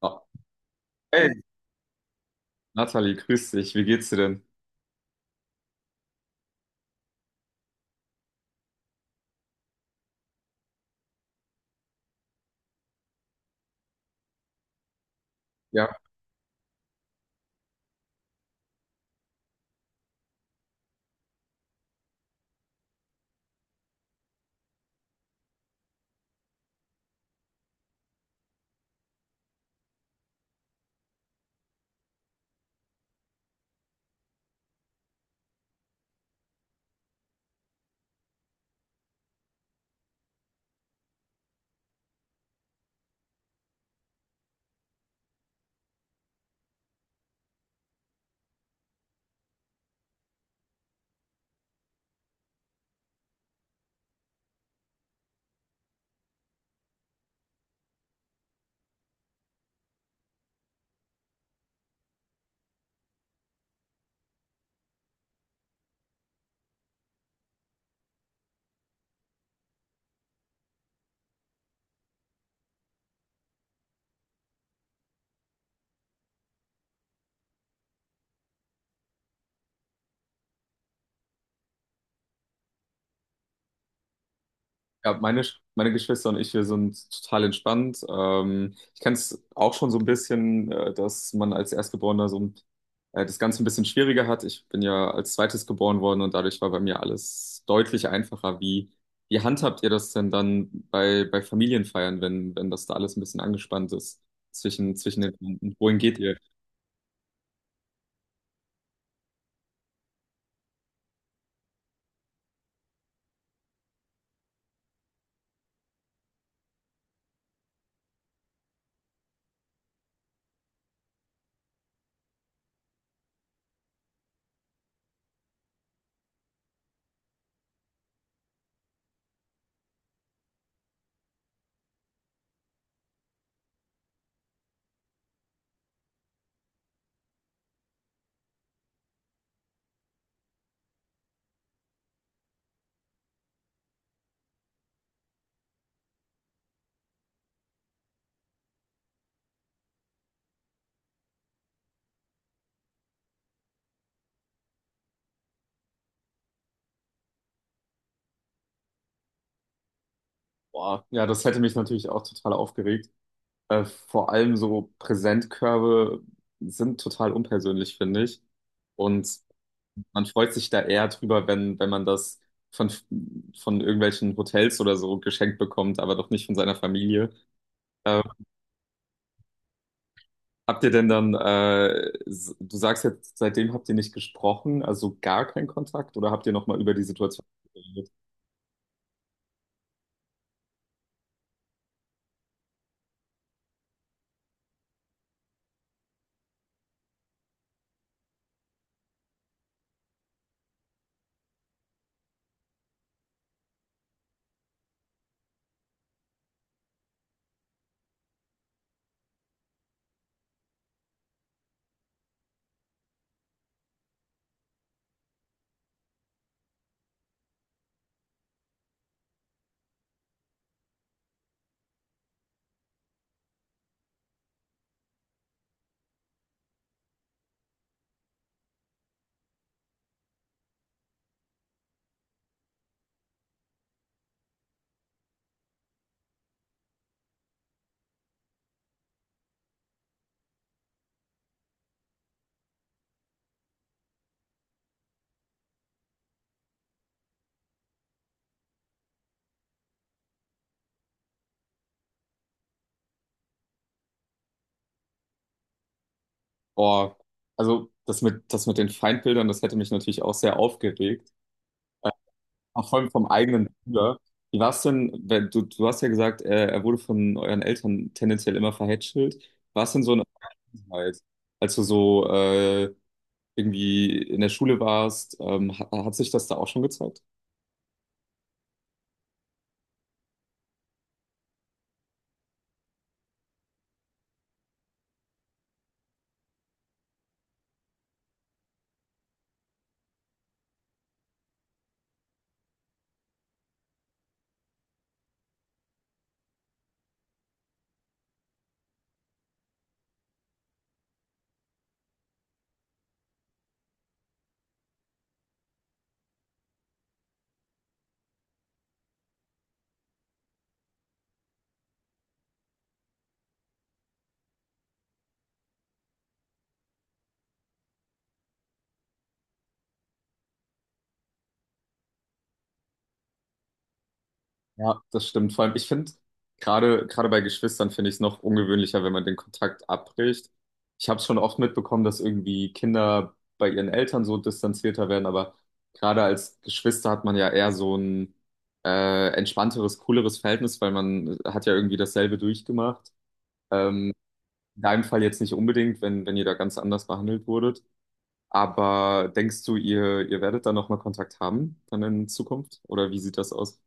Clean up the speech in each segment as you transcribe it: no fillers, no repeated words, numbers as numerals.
Ah, hey, Nathalie, grüß dich. Wie geht's dir denn? Ja, ja, meine Geschwister und ich, wir sind total entspannt. Ich kenne es auch schon so ein bisschen, dass man als Erstgeborener so das Ganze ein bisschen schwieriger hat. Ich bin ja als Zweites geboren worden und dadurch war bei mir alles deutlich einfacher. Wie handhabt ihr das denn dann bei Familienfeiern, wenn das da alles ein bisschen angespannt ist zwischen den Wohin geht ihr? Boah, ja, das hätte mich natürlich auch total aufgeregt. Vor allem so Präsentkörbe sind total unpersönlich, finde ich. Und man freut sich da eher drüber, wenn, wenn man das von, von irgendwelchen Hotels oder so geschenkt bekommt, aber doch nicht von seiner Familie. Äh, Habt ihr denn dann, du sagst jetzt, seitdem habt ihr nicht gesprochen, also gar keinen Kontakt oder habt ihr nochmal über die Situation geredet? Boah, also das das mit den Feindbildern, das hätte mich natürlich auch sehr aufgeregt. Auch vor allem vom eigenen Bruder. Wie war es denn, wenn du, du hast ja gesagt, er wurde von euren Eltern tendenziell immer verhätschelt. War es denn so eine Vergangenheit, als du so irgendwie in der Schule warst, hat, hat sich das da auch schon gezeigt? Ja, das stimmt. Vor allem, ich finde, gerade bei Geschwistern finde ich es noch ungewöhnlicher, wenn man den Kontakt abbricht. Ich habe es schon oft mitbekommen, dass irgendwie Kinder bei ihren Eltern so distanzierter werden, aber gerade als Geschwister hat man ja eher so ein entspannteres, cooleres Verhältnis, weil man hat ja irgendwie dasselbe durchgemacht. Ähm, in deinem Fall jetzt nicht unbedingt, wenn, wenn ihr da ganz anders behandelt wurdet. Aber denkst du, ihr werdet da nochmal Kontakt haben dann in Zukunft? Oder wie sieht das aus?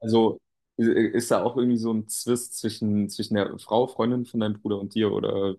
Also i- ist da auch irgendwie so ein Zwist zwischen der Frau, Freundin von deinem Bruder und dir? Oder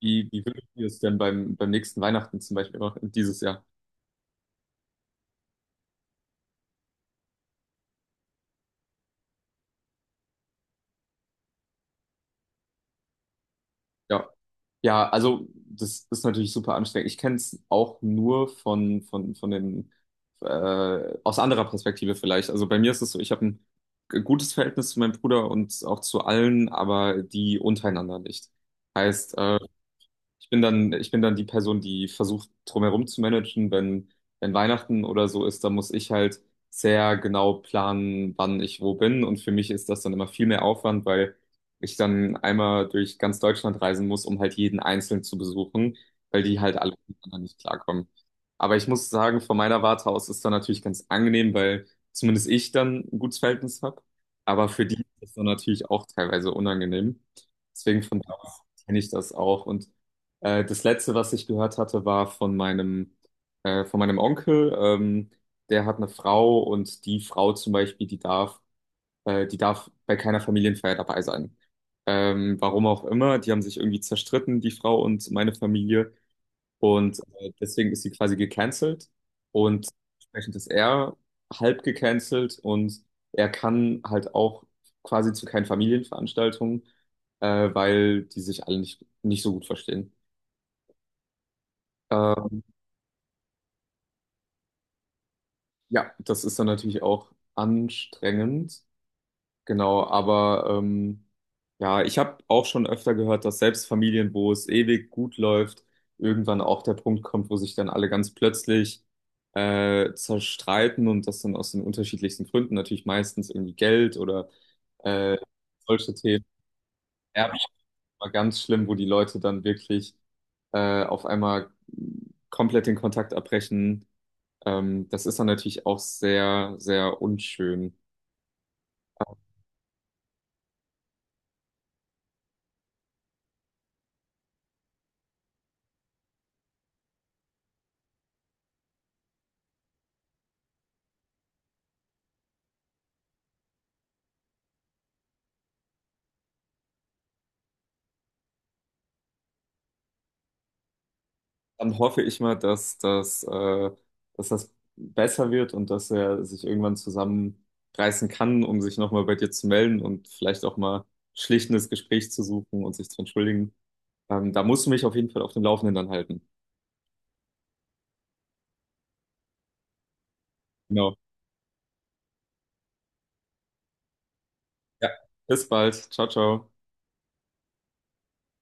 wie, wie würdet ihr es denn beim, beim nächsten Weihnachten zum Beispiel machen, dieses Jahr? Ja. Ja, also das ist natürlich super anstrengend. Ich kenne es auch nur von den, aus anderer Perspektive vielleicht. Also bei mir ist es so, ich habe ein gutes Verhältnis zu meinem Bruder und auch zu allen, aber die untereinander nicht. Heißt, ich bin dann, ich bin dann die Person, die versucht, drumherum zu managen. Wenn Weihnachten oder so ist, dann muss ich halt sehr genau planen, wann ich wo bin. Und für mich ist das dann immer viel mehr Aufwand, weil ich dann einmal durch ganz Deutschland reisen muss, um halt jeden Einzelnen zu besuchen, weil die halt alle miteinander nicht klarkommen. Aber ich muss sagen, von meiner Warte aus ist dann natürlich ganz angenehm, weil zumindest ich dann ein gutes Verhältnis habe. Aber für die ist das dann natürlich auch teilweise unangenehm. Deswegen von da aus kenne ich das auch. Und das letzte, was ich gehört hatte, war von von meinem Onkel. Der hat eine Frau und die Frau zum Beispiel, die darf bei keiner Familienfeier dabei sein. Warum auch immer, die haben sich irgendwie zerstritten, die Frau und meine Familie. Und deswegen ist sie quasi gecancelt. Und entsprechend ist er halb gecancelt und er kann halt auch quasi zu keinen Familienveranstaltungen, weil die sich alle nicht, nicht so gut verstehen. Ähm, Ja, das ist dann natürlich auch anstrengend, genau, aber ja, ich habe auch schon öfter gehört, dass selbst Familien, wo es ewig gut läuft, irgendwann auch der Punkt kommt, wo sich dann alle ganz plötzlich zerstreiten und das dann aus den unterschiedlichsten Gründen, natürlich meistens irgendwie Geld oder äh, solche Themen, Erbschaft war ganz schlimm, wo die Leute dann wirklich auf einmal komplett den Kontakt abbrechen. Das ist dann natürlich auch sehr, sehr unschön. Dann hoffe ich mal, dass das besser wird und dass er sich irgendwann zusammenreißen kann, um sich nochmal bei dir zu melden und vielleicht auch mal schlichtendes Gespräch zu suchen und sich zu entschuldigen. Da musst du mich auf jeden Fall auf dem Laufenden dann halten. Genau. Ja, bis bald. Ciao, ciao.